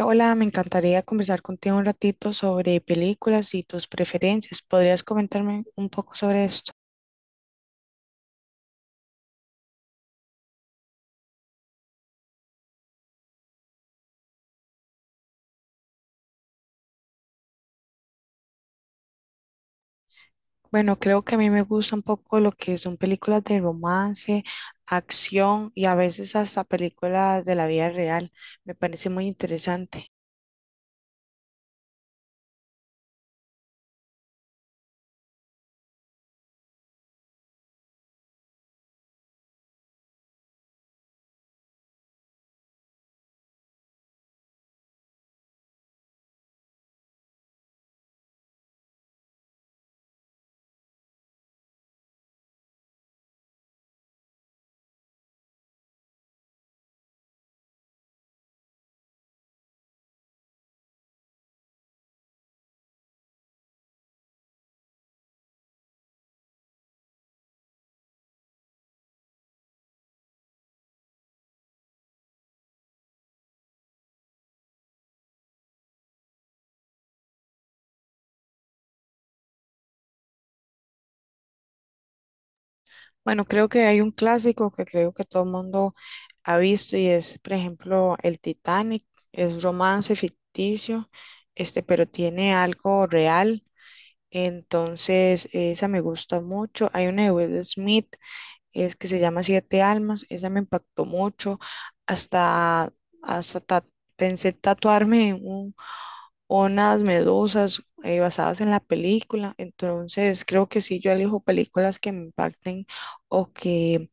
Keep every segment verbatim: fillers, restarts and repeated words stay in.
Hola, me encantaría conversar contigo un ratito sobre películas y tus preferencias. ¿Podrías comentarme un poco sobre esto? Bueno, creo que a mí me gusta un poco lo que son películas de romance, acción y a veces hasta películas de la vida real. Me parece muy interesante. Bueno, creo que hay un clásico que creo que todo el mundo ha visto y es, por ejemplo, el Titanic. Es romance ficticio, este, pero tiene algo real. Entonces, esa me gusta mucho. Hay una de Will Smith, es que se llama Siete Almas, esa me impactó mucho. Hasta, hasta ta- Pensé tatuarme un- unas medusas eh, basadas en la película. Entonces, creo que sí, yo elijo películas que me impacten o que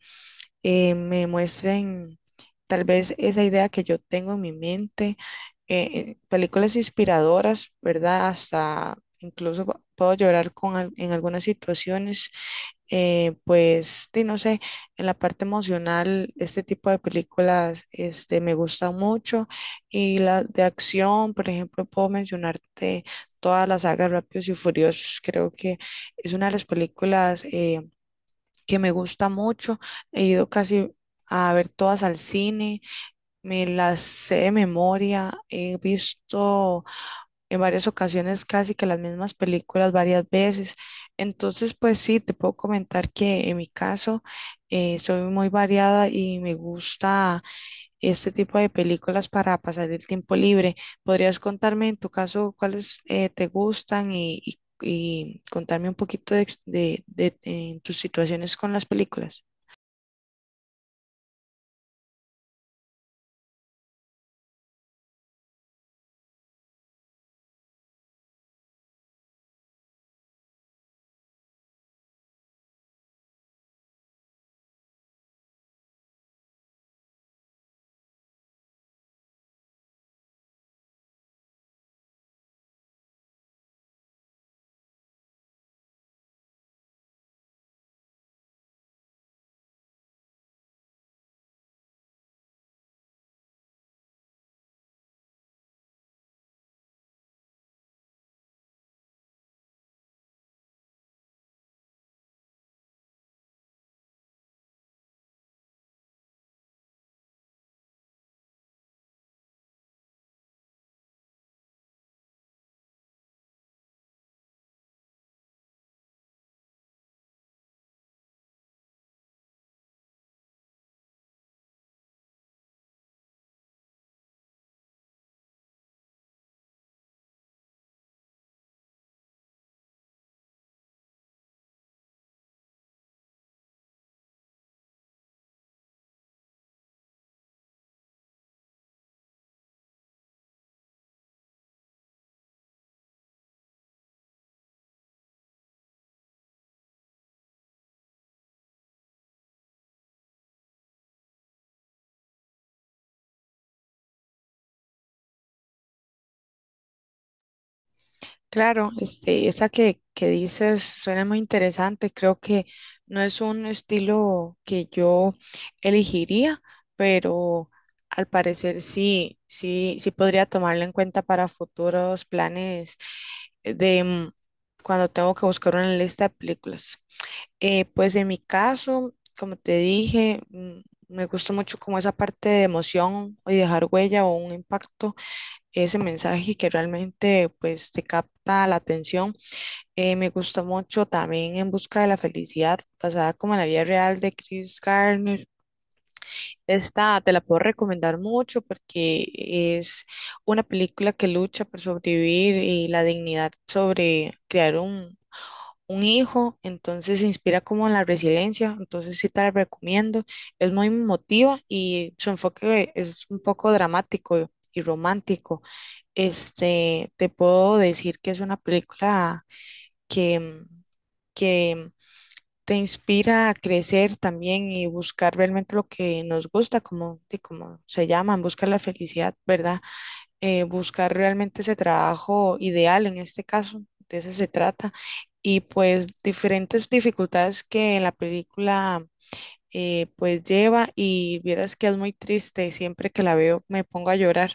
eh, me muestren tal vez esa idea que yo tengo en mi mente, eh, eh, películas inspiradoras, ¿verdad? Hasta incluso pu- puedo llorar con, al- en algunas situaciones, eh, pues, sí, no sé, en la parte emocional, este tipo de películas este, me gustan mucho, y las de acción, por ejemplo, puedo mencionarte todas las sagas Rápidos y Furiosos, creo que es una de las películas... eh, que me gusta mucho. He ido casi a ver todas al cine, me las sé de memoria, he visto en varias ocasiones casi que las mismas películas varias veces. Entonces, pues sí, te puedo comentar que en mi caso eh, soy muy variada y me gusta este tipo de películas para pasar el tiempo libre. ¿Podrías contarme en tu caso cuáles eh, te gustan y, y- y contarme un poquito de, ex- de, de- en tus situaciones con las películas? Claro, este, esa que, que dices suena muy interesante. Creo que no es un estilo que yo elegiría, pero al parecer sí, sí, sí podría tomarlo en cuenta para futuros planes de mm, cuando tengo que buscar una lista de películas. Eh, pues en mi caso, como te dije, mm, me gusta mucho como esa parte de emoción y dejar huella o un impacto, ese mensaje que realmente pues te capta la atención. Eh, me gustó mucho también En Busca de la Felicidad, basada como en la vida real de Chris Gardner. Esta te la puedo recomendar mucho porque es una película que lucha por sobrevivir y la dignidad sobre crear un, un hijo, entonces se inspira como en la resiliencia, entonces sí te la recomiendo, es muy emotiva y su enfoque es un poco dramático y romántico. Este, te puedo decir que es una película que que te inspira a crecer también y buscar realmente lo que nos gusta, como, de como se llaman, buscar la felicidad, ¿verdad? Eh, buscar realmente ese trabajo ideal en este caso, de eso se trata. Y pues diferentes dificultades que la película eh, pues lleva, y vieras que es muy triste, siempre que la veo me pongo a llorar.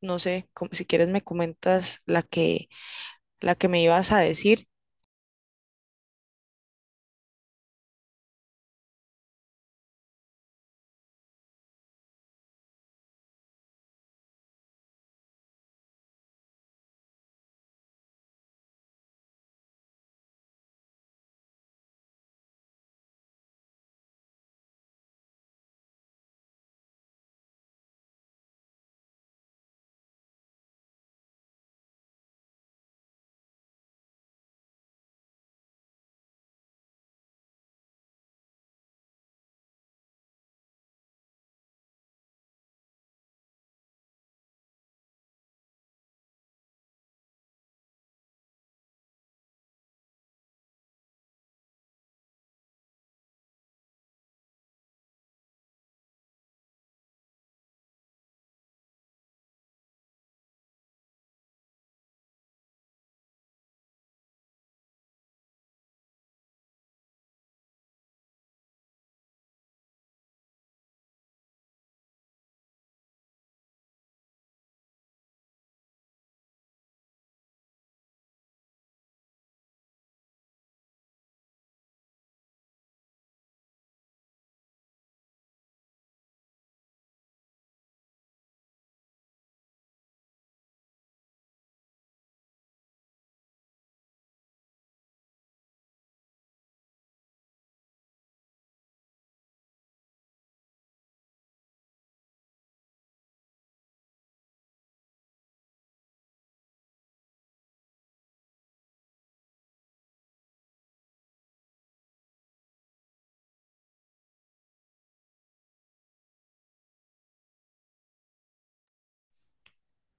No sé, como- si quieres me comentas la que, la que me ibas a decir.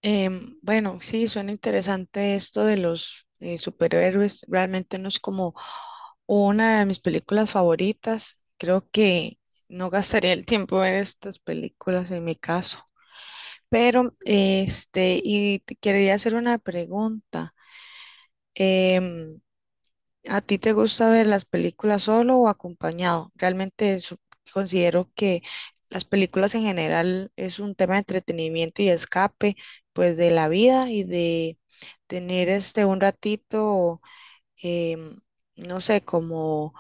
Em, bueno, sí, suena interesante esto de los eh, superhéroes. Realmente no es como una de mis películas favoritas. Creo que no gastaría el tiempo en estas películas en mi caso. Pero, este, y te quería hacer una pregunta. Em, ¿A ti te gusta ver las películas solo o acompañado? Realmente su- considero que las películas en general es un tema de entretenimiento y escape, pues de la vida y de tener este un ratito, em, no sé, como,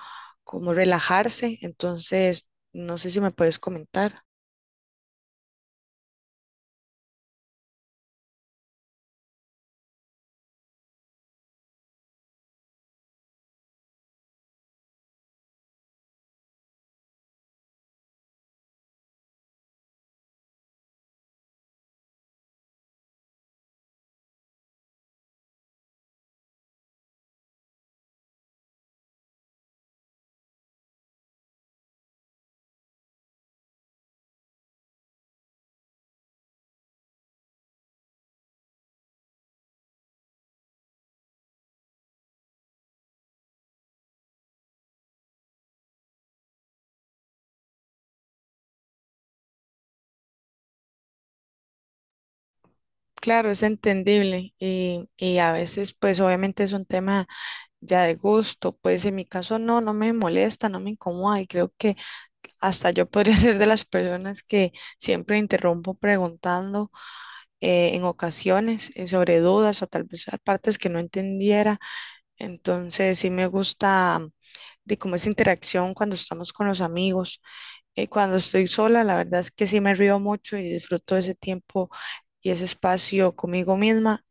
como relajarse. Entonces, no sé si me puedes comentar. Claro, es entendible, y, y a veces pues obviamente es un tema ya de gusto, pues en mi caso no, no me molesta, no me incomoda y creo que hasta yo podría ser de las personas que siempre interrumpo preguntando, eh, en ocasiones eh, sobre dudas o tal vez a partes que no entendiera. Entonces sí me gusta, mm, de cómo es interacción cuando estamos con los amigos. Eh, cuando estoy sola, la verdad es que sí me río mucho y disfruto ese tiempo y ese espacio conmigo misma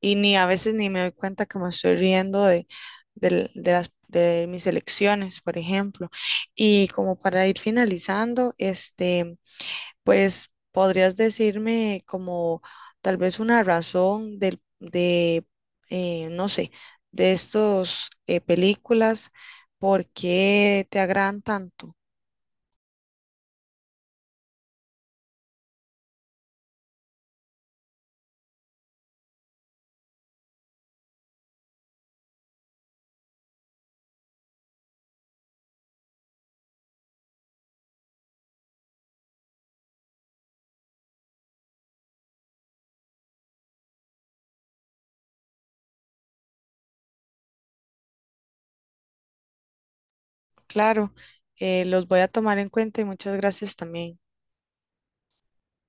y ni a veces ni me doy cuenta que me estoy riendo de, del- de las, de mis elecciones, por ejemplo. Y como para ir finalizando, este, pues podrías decirme como tal vez una razón del, de, eh, no sé, de estos eh, películas, por qué te agradan tanto. Claro, eh, los voy a tomar en cuenta y muchas gracias también.